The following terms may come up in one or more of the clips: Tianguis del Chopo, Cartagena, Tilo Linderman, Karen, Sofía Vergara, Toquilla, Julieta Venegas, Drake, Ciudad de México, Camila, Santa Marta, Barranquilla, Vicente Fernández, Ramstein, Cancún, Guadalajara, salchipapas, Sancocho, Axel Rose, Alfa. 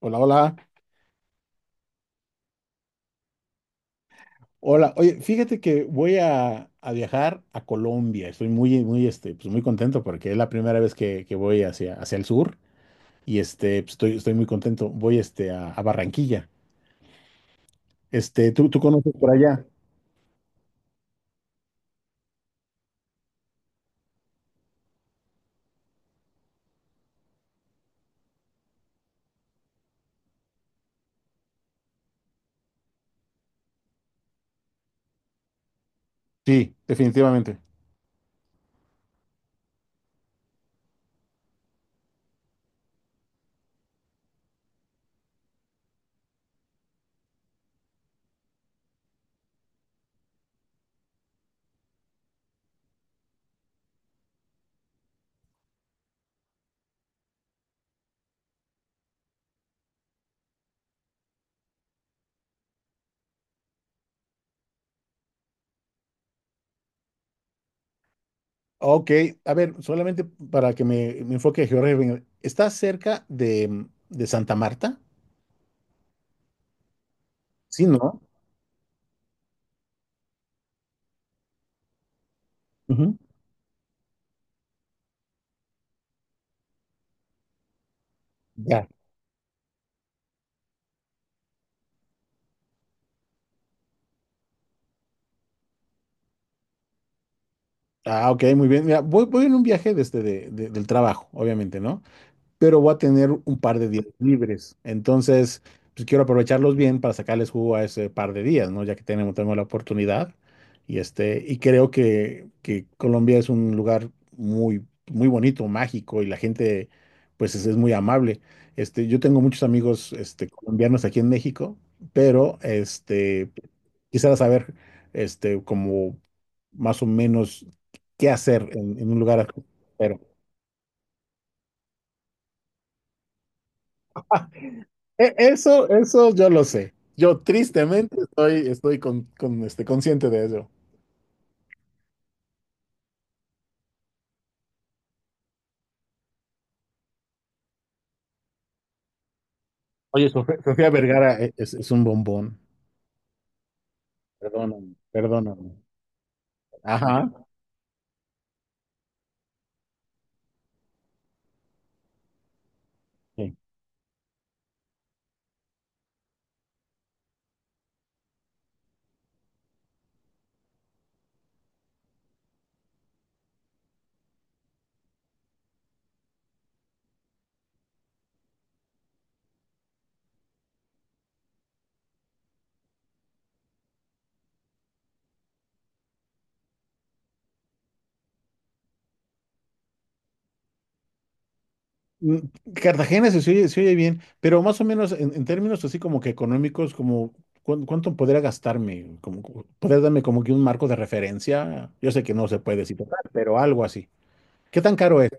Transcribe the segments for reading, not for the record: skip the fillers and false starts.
Hola, hola. Hola. Oye, fíjate que voy a viajar a Colombia. Estoy muy, muy, este, pues muy contento porque es la primera vez que voy hacia el sur y estoy muy contento. Voy, a Barranquilla. ¿Tú conoces por allá? Sí, definitivamente. Ok, a ver, solamente para que me enfoque geográficamente. ¿Estás cerca de Santa Marta? Sí, ¿no? Ujú. Ya. Ah, ok, muy bien. Mira, voy en un viaje desde del trabajo, obviamente, ¿no? Pero voy a tener un par de días libres. Entonces, pues quiero aprovecharlos bien para sacarles jugo a ese par de días, ¿no? Ya que tenemos la oportunidad. Y creo que Colombia es un lugar muy, muy bonito, mágico, y la gente, pues, es muy amable. Yo tengo muchos amigos, colombianos aquí en México, pero, quisiera saber, como más o menos qué hacer en un lugar extranjero. Eso, eso yo lo sé. Yo tristemente estoy consciente de eso. Oye, Sofía Vergara es un bombón. Perdóname, perdóname. Ajá. Sí. Mm, Cartagena se oye bien, pero más o menos en términos así como que económicos, como cuánto podría gastarme, como podrías darme como que un marco de referencia? Yo sé que no se puede decir total, pero algo así. ¿Qué tan caro es?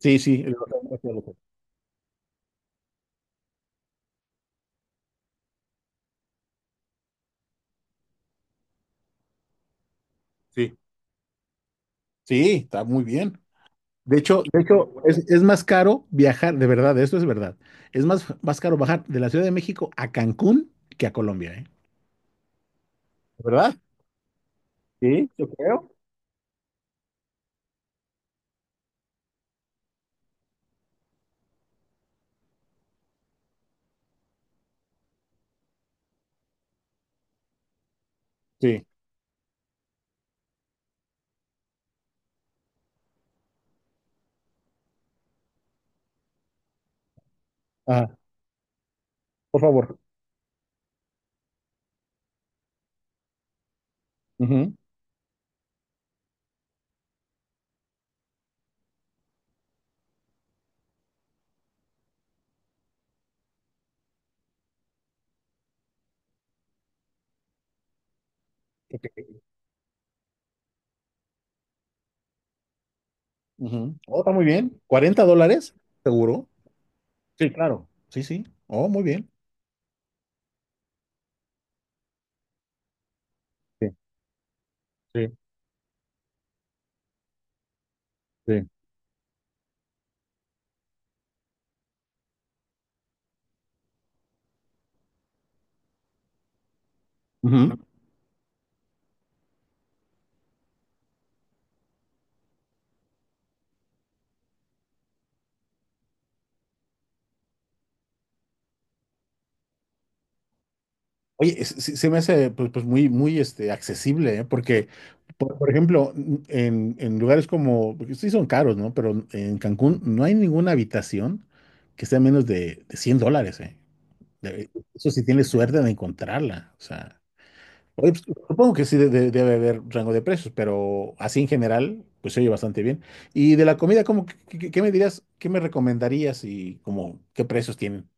Sí, sí, lo sé, lo sé, lo sé. Sí. Sí, está muy bien. De hecho, es más caro viajar, de verdad, esto es verdad. Es más, más caro bajar de la Ciudad de México a Cancún que a Colombia, ¿eh? ¿Verdad? Sí, yo creo. Sí. Ah, por favor. Ujú. Ok. Ujú. Oh, está muy bien. ¿Cuarenta dólares? ¿Seguro? Sí, claro. Sí, sí. Oh, muy bien. Sí, sí, sí. Ujú. Oye, se me hace pues, pues, muy, muy accesible, ¿eh? Porque por ejemplo, en lugares como, porque sí son caros, ¿no? Pero en Cancún no hay ninguna habitación que sea menos de $100, ¿eh? Eso si tienes suerte de encontrarla, o sea. Oye, pues, supongo que sí debe haber rango de precios, pero así en general, pues se oye bastante bien. Y de la comida, ¿cómo, qué me dirías, qué me recomendarías, y como qué precios tienen?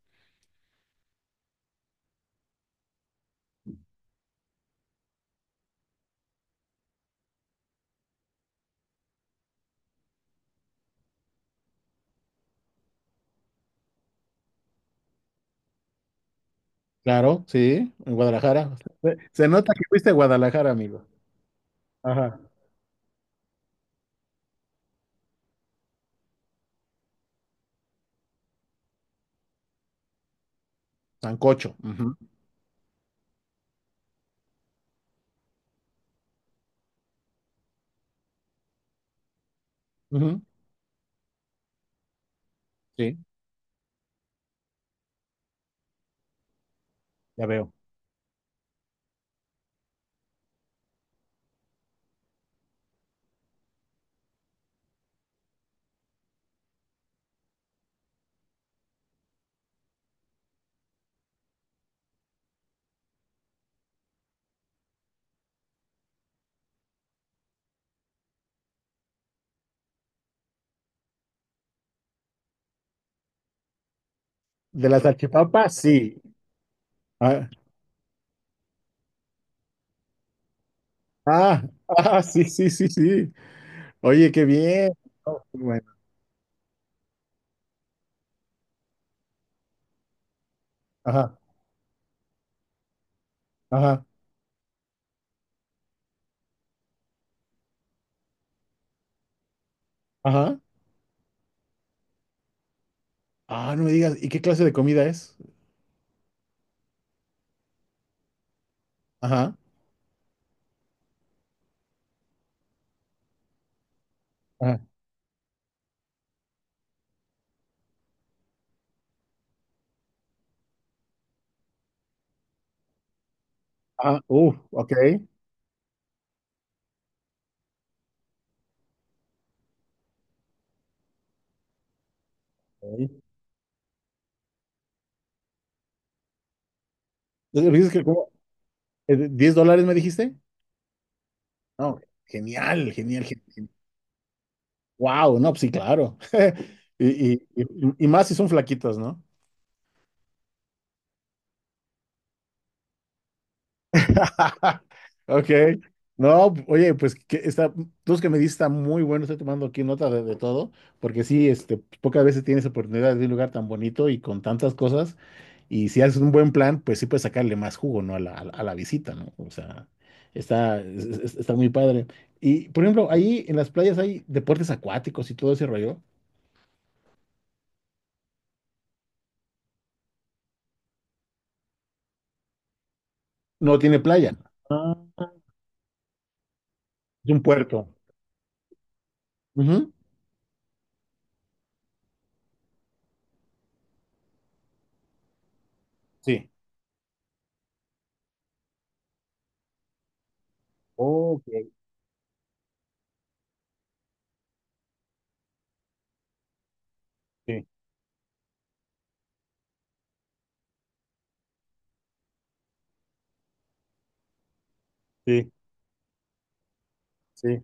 Claro, sí, en Guadalajara. Se nota que fuiste a Guadalajara, amigo. Ajá. Sancocho. Ujú, ujú. Sí, ya veo. De las salchipapas, sí. Ah, ah, ah, sí, sí, sí, sí. Oye, qué bien. Oh, qué bueno. Ajá, ajá, ajá. Ah, no me digas, ¿y qué clase de comida es? Ajá, ajá. Ah, ok. Ok. Entonces, ¿dices que como, $10 me dijiste? No, genial, genial, genial. Wow, no, pues sí, claro. Y, y más si son flaquitos, ¿no? Ok. No, oye, pues que está, tú que me diste está muy bueno, estoy tomando aquí nota de todo, porque sí, pocas veces tienes oportunidad de ir a un lugar tan bonito y con tantas cosas, y si haces un buen plan, pues sí puedes sacarle más jugo, ¿no? A la, a la visita, ¿no? O sea, está, está muy padre. Y, por ejemplo, ahí en las playas hay deportes acuáticos y todo ese rollo. No tiene playa, ah, es un puerto. Ujú, sí, ok. Sí, sí, sí.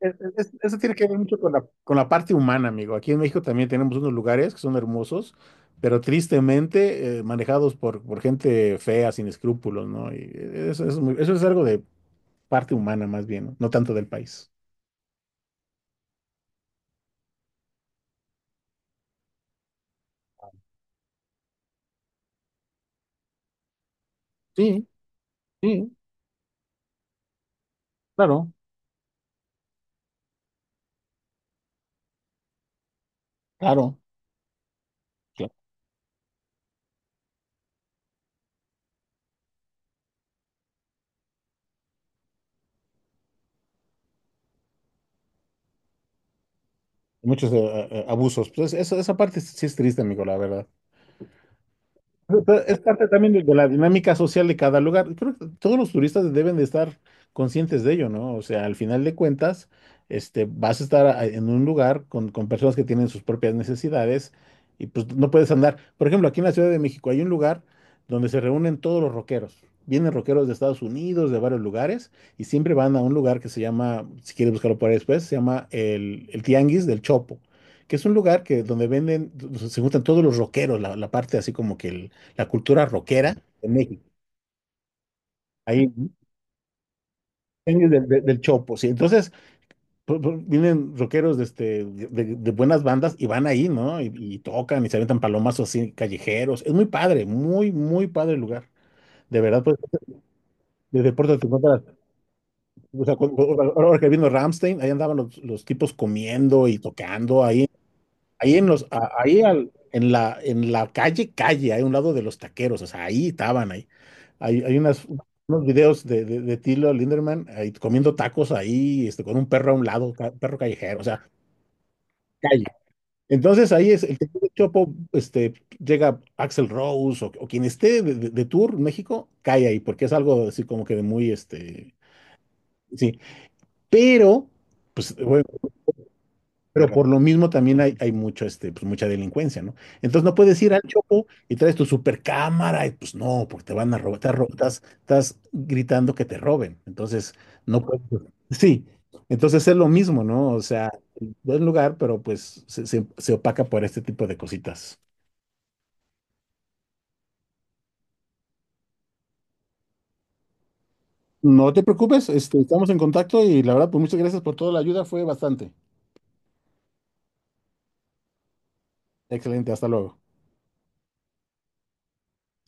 Eso tiene que ver mucho con la parte humana, amigo. Aquí en México también tenemos unos lugares que son hermosos, pero tristemente manejados por gente fea, sin escrúpulos, ¿no? Y eso, eso es algo de parte humana más bien, no. No tanto del país. Sí, sí, claro, claro. Claro. Muchos abusos. Pues esa parte sí es triste, amigo, la verdad. Pero es parte también de la dinámica social de cada lugar. Creo que todos los turistas deben de estar conscientes de ello, ¿no? O sea, al final de cuentas, vas a estar en un lugar con personas que tienen sus propias necesidades y pues no puedes andar. Por ejemplo, aquí en la Ciudad de México hay un lugar donde se reúnen todos los rockeros. Vienen rockeros de Estados Unidos, de varios lugares, y siempre van a un lugar que se llama, si quieres buscarlo por ahí después, se llama el Tianguis del Chopo, que es un lugar que donde venden, se juntan todos los rockeros, la parte así como que el la cultura rockera de México. Ahí, del Chopo, sí. Entonces, pues, pues, vienen rockeros de buenas bandas y van ahí, ¿no? Y, y tocan y se aventan palomazos así, callejeros. Es muy padre, muy, muy padre el lugar. De verdad, pues, desde Puerto te encuentras. O sea, ahora que vino Ramstein, ahí andaban los tipos comiendo y tocando ahí. Ahí en los, en la calle, calle, hay un lado de los taqueros, o sea, ahí estaban ahí. Hay unas, unos videos de Tilo Linderman ahí comiendo tacos ahí, con un perro a un lado, perro callejero, o sea. Entonces ahí es el que tiene Chopo, llega Axel Rose o quien esté de tour en México, cae ahí, porque es algo así como que de muy, sí. Pero, pues, obviamente pero por lo mismo también hay mucho, mucha delincuencia, ¿no? Entonces no puedes ir al Chopo y traes tu supercámara y pues no, porque te van a robar, estás gritando que te roben. Entonces no puedes. Pues, sí, entonces es lo mismo, ¿no? O sea, buen lugar, pero pues se opaca por este tipo de cositas. No te preocupes, estamos en contacto y la verdad, pues muchas gracias por toda la ayuda, fue bastante. Excelente, hasta luego.